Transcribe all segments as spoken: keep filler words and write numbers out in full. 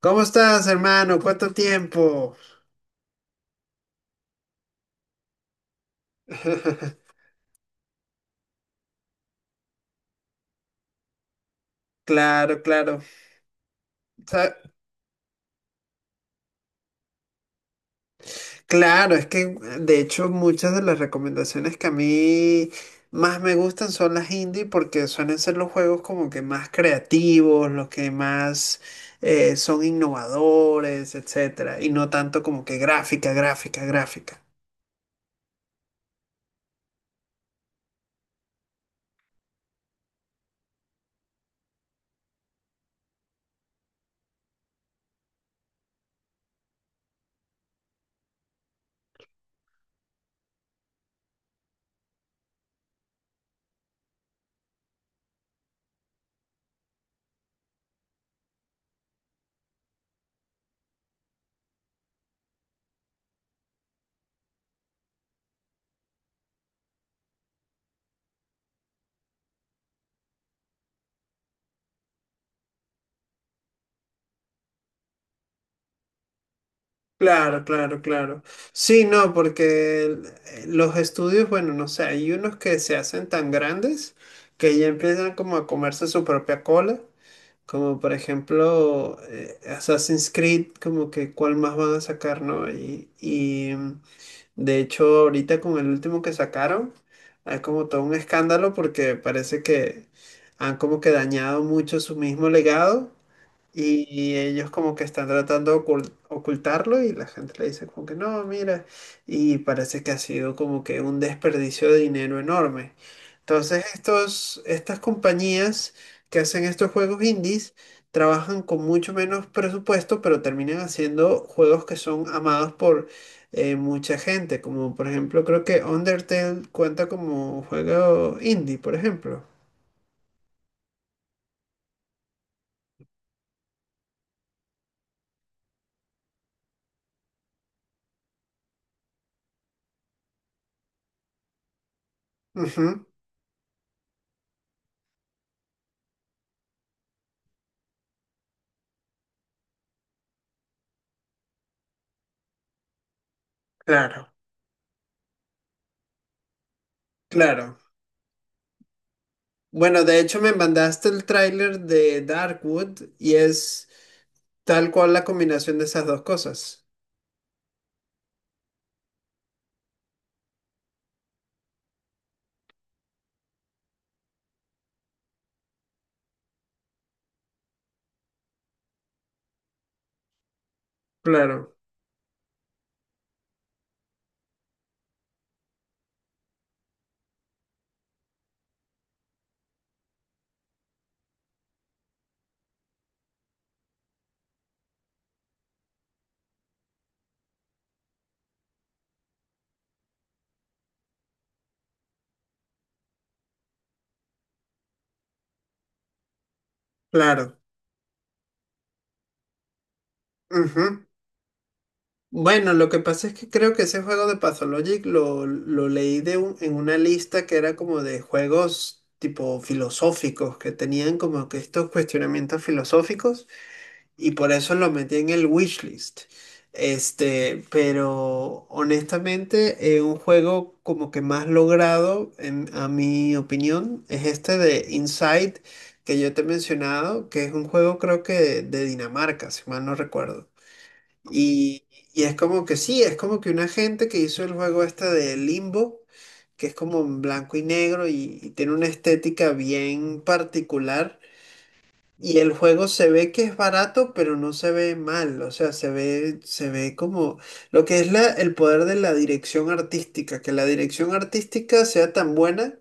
¿Cómo estás, hermano? ¿Cuánto tiempo? Claro, claro. Sa- Claro, es que de hecho muchas de las recomendaciones que a mí más me gustan son las indie porque suelen ser los juegos como que más creativos, los que más eh, son innovadores, etcétera, y no tanto como que gráfica, gráfica, gráfica. Claro, claro, claro. Sí, no, porque el- eh, los estudios, bueno, no sé, hay unos que se hacen tan grandes que ya empiezan como a comerse su propia cola, como por ejemplo eh, Assassin's Creed, como que cuál más van a sacar, ¿no? Y, y mm, de hecho ahorita con el último que sacaron, hay como todo un escándalo porque parece que han como que dañado mucho su mismo legado y ellos como que están tratando de ocul- ocultarlo, y la gente le dice como que no, mira, y parece que ha sido como que un desperdicio de dinero enorme. Entonces estos, estas compañías que hacen estos juegos indies trabajan con mucho menos presupuesto, pero terminan haciendo juegos que son amados por eh, mucha gente, como por ejemplo creo que Undertale cuenta como juego indie, por ejemplo. Ujú. Claro, claro. Bueno, de hecho me mandaste el tráiler de Darkwood y es tal cual la combinación de esas dos cosas. Claro, claro. Ujú. Bueno, lo que pasa es que creo que ese juego de Pathologic lo, lo leí de un- en una lista que era como de juegos tipo filosóficos, que tenían como que estos cuestionamientos filosóficos. Y por eso lo metí en el wishlist. Este, pero honestamente, eh, un juego como que más logrado, en, a mi opinión, es este de Inside que yo te he mencionado, que es un juego creo que de, de Dinamarca, si mal no recuerdo. Y, y es como que sí, es como que una gente que hizo el juego este de Limbo, que es como en blanco y negro y y tiene una estética bien particular. Y el juego se ve que es barato, pero no se ve mal, o sea, se ve, se ve como lo que es la, el poder de la dirección artística, que la dirección artística sea tan buena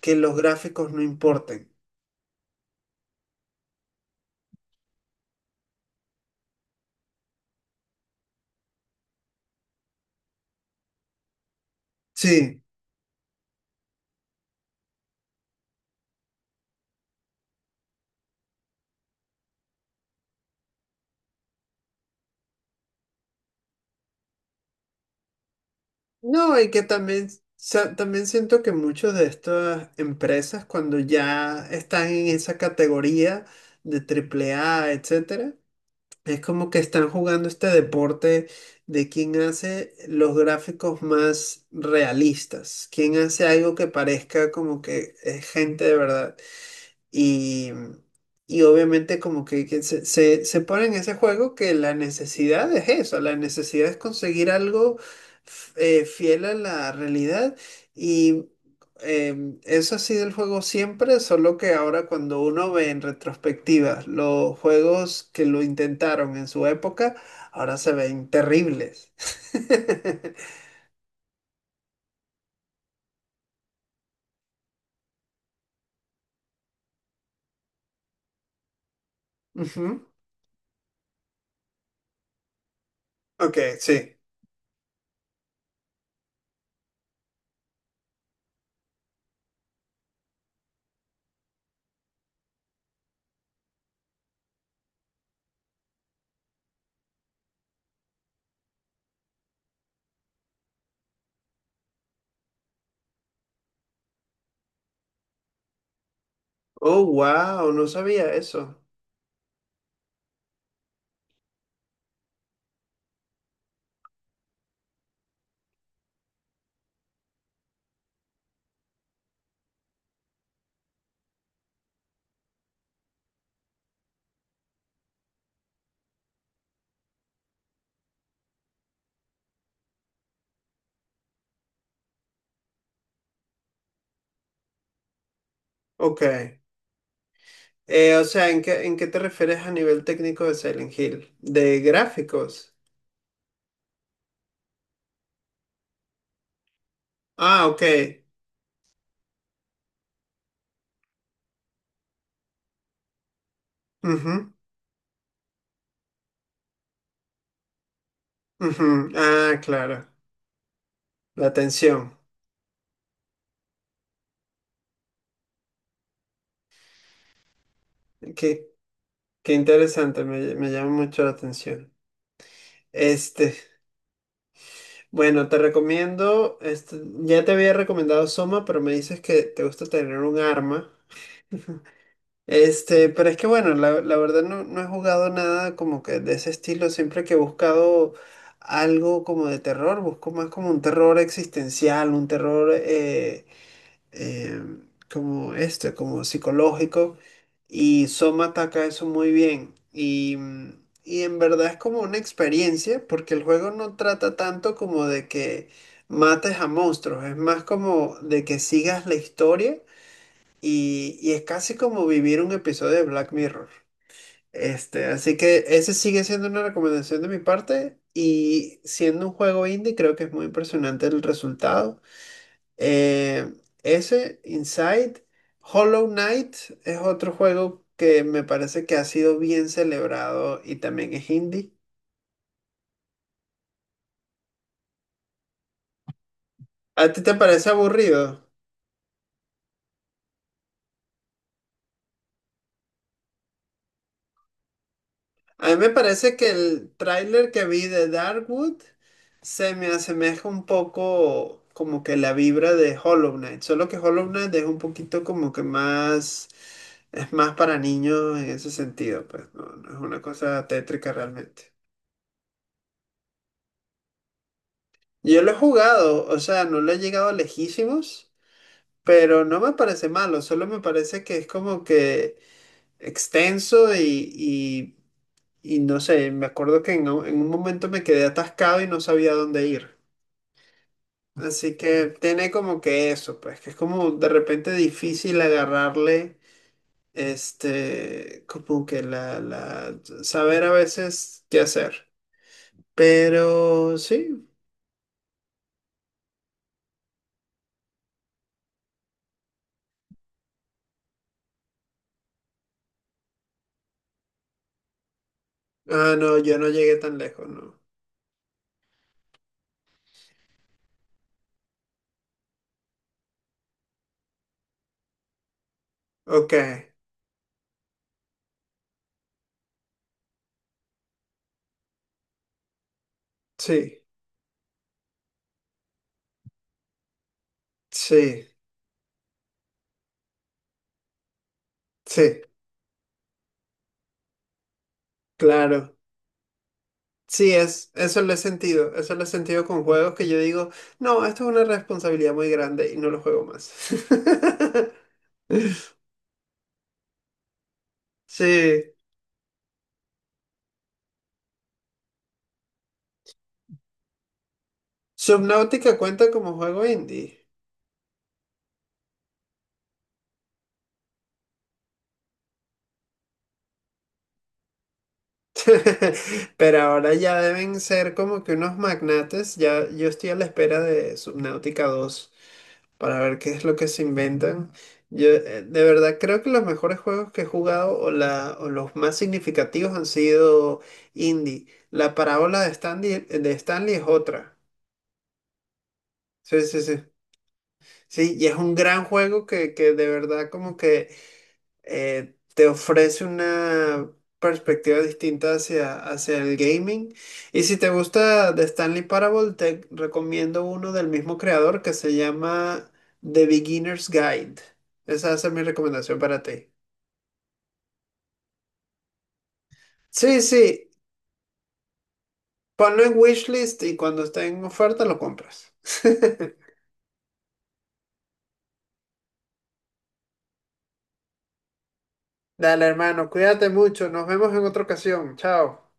que los gráficos no importen. Sí, no, y que también, sa- también siento que muchas de estas empresas, cuando ya están en esa categoría de triple A, etcétera. Es como que están jugando este deporte de quién hace los gráficos más realistas, quién hace algo que parezca como que es gente de verdad. Y, y obviamente como que, que se, se, se pone en ese juego que la necesidad es eso, la necesidad es conseguir algo f- eh, fiel a la realidad y em, eso ha sido el juego siempre, solo que ahora cuando uno ve en retrospectiva los juegos que lo intentaron en su época, ahora se ven terribles. Ujú. Ok, sí. Oh, wow, no sabía eso. Ok. Eh, o sea, ¿en qué, en qué te refieres a nivel técnico de Silent Hill? ¿De gráficos? Ah, ok. Ujú, ujú. Ah, claro. La atención. Qué, qué interesante, me, me llama mucho la atención. Este, bueno, te recomiendo, este, ya te había recomendado Soma, pero me dices que te gusta tener un arma. Este, pero es que bueno, la, la verdad no, no he jugado nada como que de ese estilo. Siempre que he buscado algo como de terror, busco más como un terror existencial, un terror eh, eh, como este, como psicológico. Y Soma ataca eso muy bien. Y, mm, y en verdad es como una experiencia, porque el juego no trata tanto como de que mates a monstruos, es más como de que sigas la historia y, y es casi como vivir un episodio de Black Mirror. Este, así que ese sigue siendo una recomendación de mi parte. Y siendo un juego indie, creo que es muy impresionante el resultado. Eh, Ese, Inside, Hollow Knight es otro juego que me parece que ha sido bien celebrado y también es indie. ¿A ti te parece aburrido? A mí me parece que el tráiler que vi de Darkwood se me asemeja un poco como que la vibra de Hollow Knight, solo que Hollow Knight es un poquito como que más, es más para niños en ese sentido, pues no, no es una cosa tétrica realmente. Yo lo he jugado, o sea, no lo he llegado lejísimos, pero no me parece malo, solo me parece que es como que extenso y, y Y no sé, me acuerdo que en, un en un momento me quedé atascado y no sabía dónde ir. Así que tiene como que eso, pues, que es como de repente difícil agarrarle, este, como que la, la, saber a veces qué hacer. Pero sí. Ah, no, yo no llegué tan lejos, ¿no? Ok, sí, sí, sí, claro. Sí, es, eso lo he sentido, eso lo he sentido con juegos que yo digo, no, esto es una responsabilidad muy grande y no lo juego más. Sí, Subnautica cuenta como juego indie. Pero ahora ya deben ser como que unos magnates, ya yo estoy a la espera de Subnautica dos, para ver qué es lo que se inventan. Yo eh, de verdad creo que los mejores juegos que he jugado o, la, o los más significativos han sido indie. La parábola de Stanley, de Stanley es otra. Sí, sí, sí. Sí, y es un gran juego que, que de verdad como que eh, te ofrece una perspectiva distinta hacia, hacia el gaming. Y si te gusta The Stanley Parable, te recomiendo uno del mismo creador que se llama The Beginner's Guide. Esa es mi recomendación para ti. Sí, sí, ponlo en wishlist y cuando esté en oferta lo compras. Dale, hermano, cuídate mucho. Nos vemos en otra ocasión. Chao.